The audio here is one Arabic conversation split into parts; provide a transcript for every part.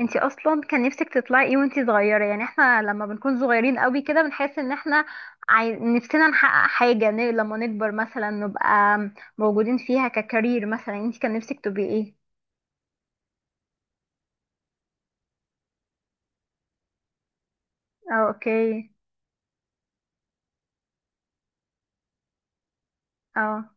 انتي اصلا كان نفسك تطلعي ايه وانتي صغيره؟ يعني احنا لما بنكون صغيرين قوي كده بنحس ان احنا نفسنا نحقق حاجه، لما نكبر مثلا نبقى موجودين فيها ككارير. مثلا انتي كان نفسك تبقي ايه؟ اه، اوكي. اه.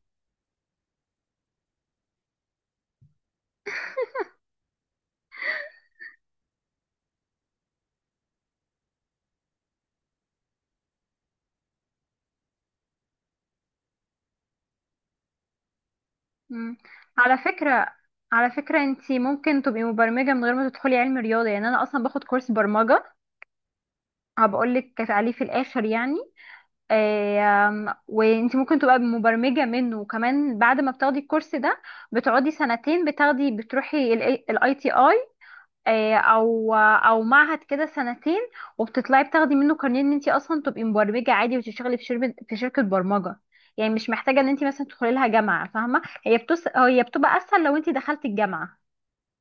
مم. على فكره على فكره انتي ممكن تبقي مبرمجه من غير ما تدخلي علم رياضه. يعني انا اصلا باخد كورس برمجه، هبقول لك عليه في الاخر يعني. وانت ممكن تبقى مبرمجة منه، وكمان بعد ما بتاخدي الكورس ده بتقعدي سنتين، بتروحي الاي تي اي، او معهد كده سنتين، وبتطلعي بتاخدي منه كارنيه ان انت اصلا تبقي مبرمجة عادي، وتشتغلي في شركة برمجة. يعني مش محتاجة ان انت مثلا تدخلي لها جامعة، فاهمة؟ هي بتبقى اسهل لو انت دخلتي الجامعة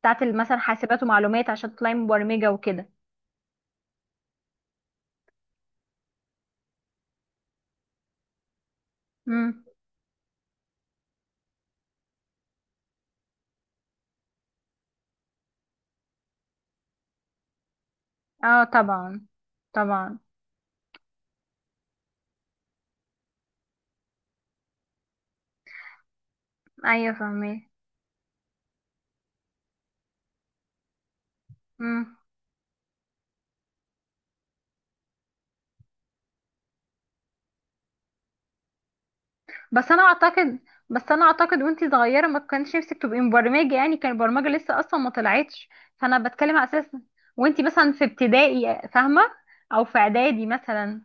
بتاعت مثلا حاسبات ومعلومات عشان تطلعي مبرمجة وكده. امم. اه، طبعا، طبعا. ايوه، فاهمه. بس انا اعتقد بس انا اعتقد وانتي صغيره ما كانش نفسك تبقي مبرمجه، يعني كان البرمجه لسه اصلا ما طلعتش، فانا بتكلم على اساس وانتي مثلا في ابتدائي فاهمه، او في اعدادي مثلا.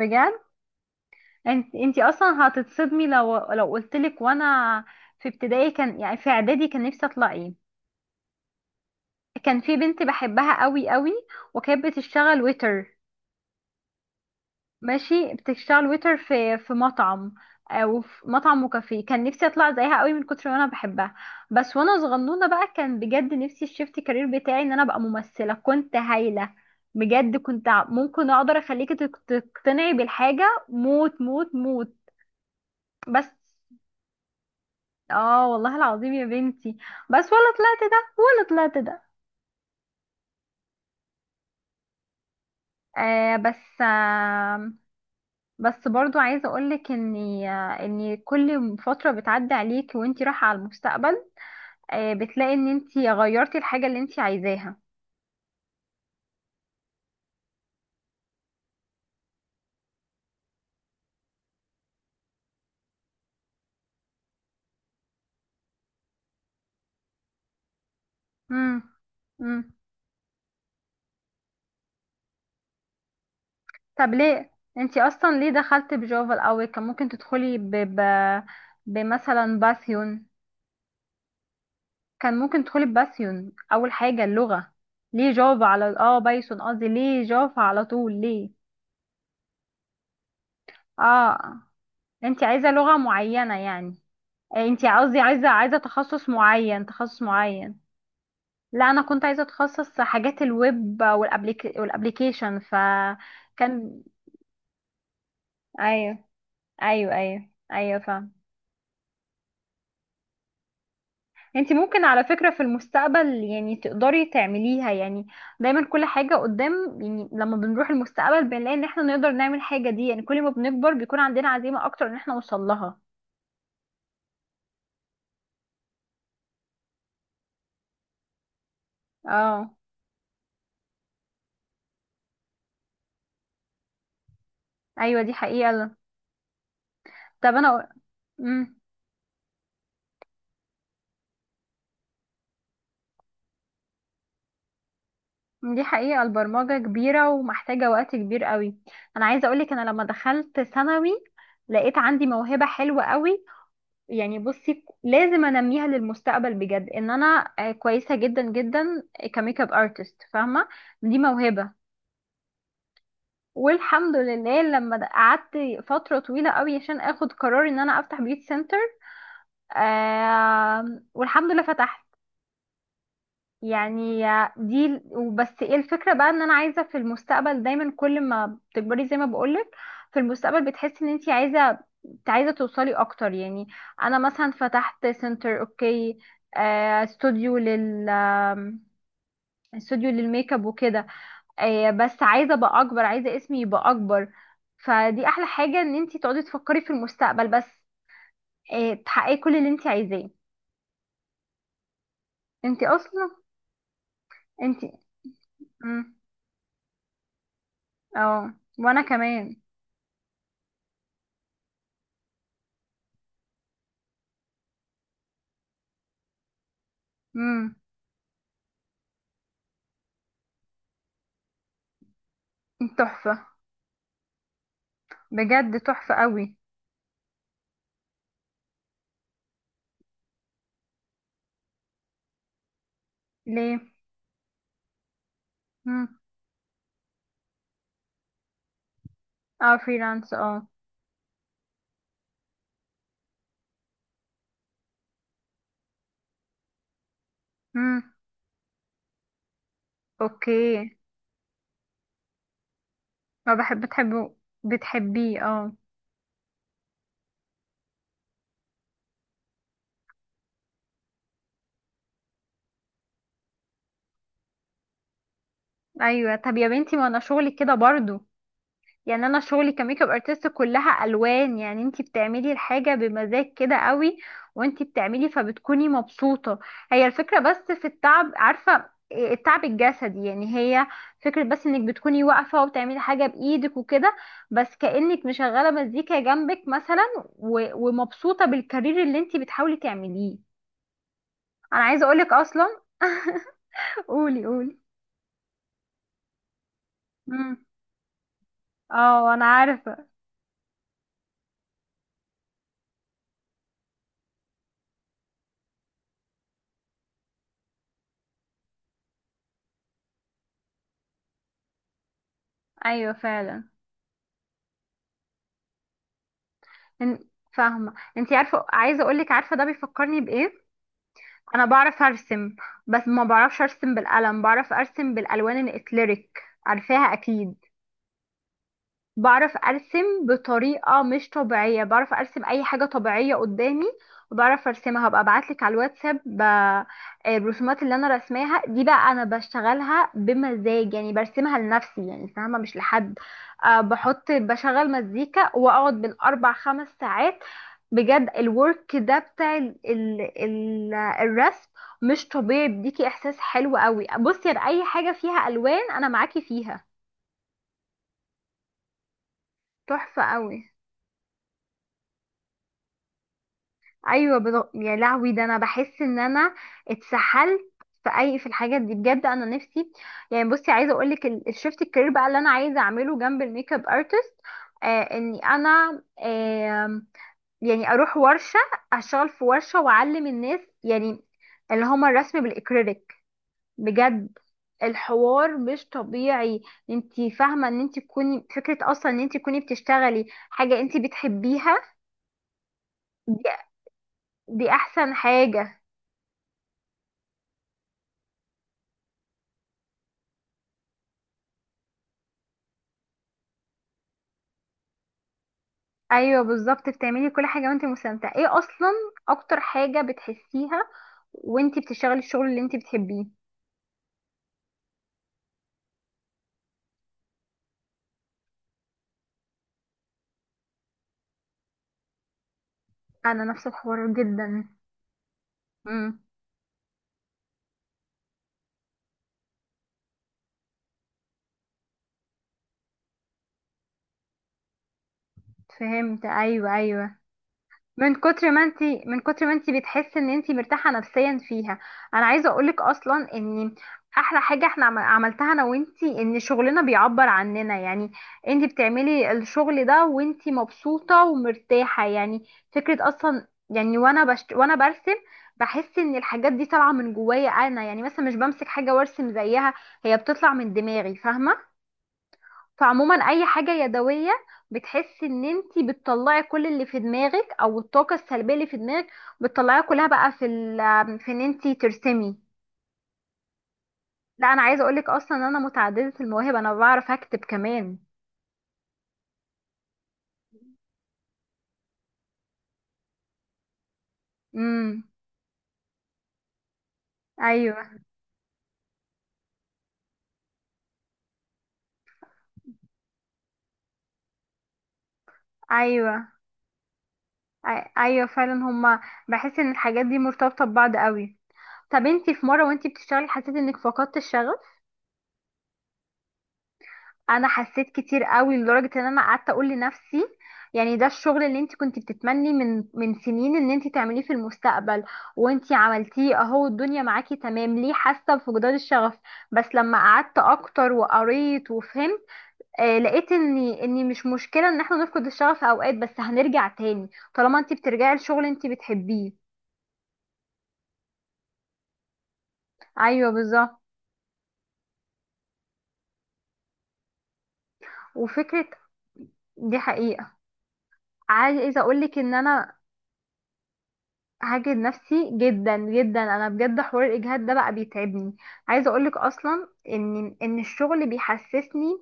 بجد انتي اصلا هتتصدمي لو قلتلك. وانا في ابتدائي كان، يعني في اعدادي، كان نفسي اطلع ايه؟ كان في بنت بحبها قوي قوي، وكانت بتشتغل ويتر. ماشي، بتشتغل ويتر في مطعم، او في مطعم وكافيه، كان نفسي اطلع زيها قوي من كتر ما انا بحبها. بس وانا صغنونه بقى، كان بجد نفسي الشيفت كارير بتاعي ان انا ابقى ممثله، كنت هايله بجد، كنت ممكن اقدر اخليكي تقتنعي بالحاجه، موت، موت، موت. بس اه، والله العظيم يا بنتي، بس ولا طلعت ده ولا طلعت ده. بس، بس برضو عايزه اقولك اني ان كل فتره بتعدي عليك وانتي رايحه على المستقبل، بتلاقي ان انت غيرتي الحاجة اللي انت عايزاها. امم، امم. طب ليه انت اصلا ليه دخلت بجافا الاول؟ كان ممكن تدخلي بمثلا باثيون. كان ممكن تدخلي بباثيون اول حاجة اللغة، ليه جافا على بايثون، قصدي ليه جافا على طول ليه؟ اه، انت عايزة لغة معينة يعني؟ انت قصدي عايزة تخصص معين. لا انا كنت عايزة اتخصص حاجات الويب والابليكيشن ف. كان. ايوه، ايوه، ايوه، ايوه، فاهم. انت ممكن على فكره في المستقبل يعني تقدري تعمليها يعني. دايما كل حاجه قدام، يعني لما بنروح المستقبل بنلاقي ان احنا نقدر نعمل حاجه دي، يعني كل ما بنكبر بيكون عندنا عزيمه اكتر ان احنا نوصل لها. اه. ايوه، دي حقيقه. طب انا. امم. دي حقيقه، البرمجه كبيره ومحتاجه وقت كبير قوي. انا عايزه اقولك، انا لما دخلت ثانوي لقيت عندي موهبه حلوه قوي، يعني بصي لازم انميها للمستقبل بجد، ان انا كويسه جدا جدا كميك اب ارتست، فاهمه؟ دي موهبه. والحمد لله، لما قعدت فتره طويله قوي عشان اخد قرار ان انا افتح بيوت سنتر، والحمد لله فتحت. يعني دي، وبس ايه الفكرة بقى؟ ان انا عايزة في المستقبل دايما، كل ما بتكبري زي ما بقولك في المستقبل بتحسي ان انتي عايزة توصلي اكتر يعني. انا مثلا فتحت سنتر، اوكي، استوديو لل آم، استوديو للميك اب وكده، بس عايزة ابقى اكبر، عايزة اسمي يبقى اكبر. فدي احلى حاجة، ان انتي تقعدي تفكري في المستقبل، بس تحققي كل اللي انتي عايزاه. انتي اصلا، انتي. مم. اه، وانا كمان. مم. تحفة، بجد تحفة قوي. ليه؟ مم. اه، فريلانس، اه. مم. اوكي. ما بحب بتحبه، بتحبيه، اه. ايوه، طب يا بنتي ما انا شغلي كده برضو، يعني انا شغلي كميك اب ارتست كلها الوان، يعني انتي بتعملي الحاجه بمزاج كده قوي. وانتي بتعملي فبتكوني مبسوطه. هي الفكره بس في التعب، عارفه إيه التعب الجسدي يعني؟ هي فكره بس انك بتكوني واقفه وبتعملي حاجه بايدك وكده، بس كانك مشغله مزيكا جنبك مثلا، ومبسوطه بالكارير اللي انتي بتحاولي تعمليه. انا عايزه اقولك اصلا قولي قولي. امم. اه، انا عارفه. ايوه فعلا. إن- فاهمة؟ انتي عارفة؟ عايزة اقولك، عارفة ده بيفكرني بايه؟ انا بعرف ارسم، بس ما بعرفش ارسم بالقلم، بعرف ارسم بالالوان الاكليريك، عارفاها اكيد؟ بعرف ارسم بطريقه مش طبيعيه، بعرف ارسم اي حاجه طبيعيه قدامي وبعرف ارسمها. هبقى ابعتلك على الواتساب الرسومات اللي انا رسماها دي. بقى انا بشتغلها بمزاج، يعني برسمها لنفسي يعني، فاهمه؟ مش لحد. أه، بحط بشغل مزيكا واقعد بالاربع خمس ساعات، بجد الورك ده بتاع ال ال ال الرسم مش طبيعي، بيديكي احساس حلو قوي. بصي يا، اي حاجه فيها الوان انا معاكي فيها، تحفه قوي. ايوه يا لهوي، ده انا بحس ان انا اتسحلت في الحاجات دي بجد، انا نفسي يعني. بصي عايزه اقول لك الشيفت الكارير بقى اللي انا عايزه اعمله جنب الميك اب ارتست، آه اني يعني اروح ورشه، اشتغل في ورشه واعلم الناس يعني، اللي هما الرسم بالاكريليك. بجد الحوار مش طبيعي. انتي فاهمه ان انتي تكوني، فكره اصلا ان انتي تكوني بتشتغلي حاجه انتي بتحبيها، دي, دي احسن حاجه. ايوه بالظبط، بتعملي كل حاجه وانت مستمتعه. ايه اصلا اكتر حاجه بتحسيها وانت بتشتغلي الشغل اللي انت بتحبيه؟ انا نفس الحوار جدا. امم. فهمت، ايوه، ايوه. من كتر ما انت بتحسي ان انت مرتاحه نفسيا فيها. انا عايزه اقولك اصلا، ان احلى حاجه احنا عملتها انا وانتي، ان شغلنا بيعبر عننا يعني. انت بتعملي الشغل ده وانت مبسوطه ومرتاحه، يعني فكره اصلا يعني. وانا برسم بحس ان الحاجات دي طالعه من جوايا انا، يعني مثلا مش بمسك حاجه وارسم زيها، هي بتطلع من دماغي فاهمه؟ فعموما اي حاجة يدوية بتحسي ان انتي بتطلعي كل اللي في دماغك، او الطاقة السلبية اللي في دماغك بتطلعيها كلها، بقى في ان انتي ترسمي. لا انا عايزة اقولك اصلا، ان انا متعددة المواهب، انا بعرف اكتب كمان. امم. ايوه، ايوه. ايوه فعلا هما، بحس ان الحاجات دي مرتبطة ببعض قوي. طب انتي في مرة وانتي بتشتغلي حسيتي انك فقدت الشغف؟ انا حسيت كتير قوي، لدرجه ان انا قعدت اقول لنفسي، يعني ده الشغل اللي انت كنت بتتمني من سنين ان انت تعمليه في المستقبل، وانت عملتيه اهو، الدنيا معاكي تمام، ليه حاسه بفقدان الشغف؟ بس لما قعدت اكتر وقريت وفهمت، لقيت اني مش مشكله ان احنا نفقد الشغف اوقات، بس هنرجع تاني طالما انت بترجعي لشغل انت بتحبيه. ايوه بالظبط. وفكره. دي حقيقة. عايزة اقولك ان انا هاجد نفسي جدا جدا، انا بجد حوار الاجهاد ده بقى بيتعبني. عايزه اقولك اصلا ان الشغل بيحسسني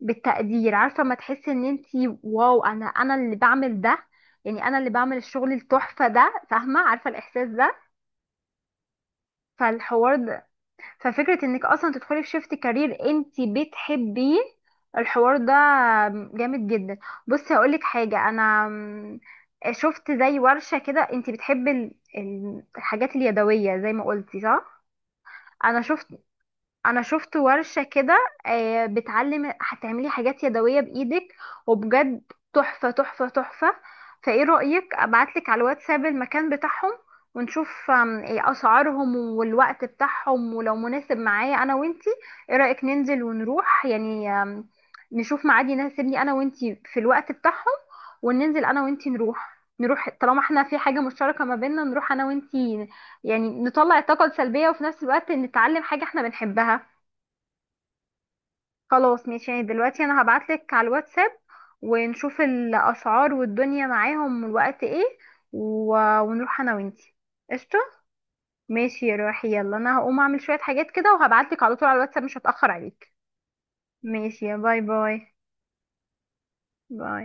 بالتقدير. عارفه ما تحسي ان انتي واو، انا اللي بعمل ده، يعني انا اللي بعمل الشغل التحفه ده، فاهمه؟ عارفه الاحساس ده؟ فالحوار، ففكرة انك اصلا تدخلي في شيفت كارير انت بتحبيه، الحوار ده جامد جدا. بصي هقولك حاجة، شفت زي ورشة كده. انت بتحبي الحاجات اليدوية زي ما قلتي، صح؟ انا شفت انا شفت ورشة كده، هتعملي حاجات يدوية بايدك، وبجد تحفة، تحفة، تحفة. فايه رأيك ابعتلك على الواتساب المكان بتاعهم، ونشوف إيه اسعارهم والوقت بتاعهم، ولو مناسب معايا انا وانتي. ايه رأيك ننزل ونروح يعني، نشوف ميعاد يناسبني انا وانتي في الوقت بتاعهم، وننزل انا وانتي نروح طالما احنا في حاجة مشتركة ما بيننا. نروح انا وانتي، يعني نطلع الطاقة السلبية وفي نفس الوقت نتعلم حاجة احنا بنحبها. خلاص ماشي، يعني دلوقتي انا هبعتلك على الواتساب ونشوف الاسعار والدنيا معاهم والوقت ايه، و... ونروح انا وانتي. قشطه. ماشي يا روحي، يلا انا هقوم اعمل شويه حاجات كده وهبعتلك على طول على الواتساب، مش هتاخر عليك. ماشي يا، باي، باي، باي.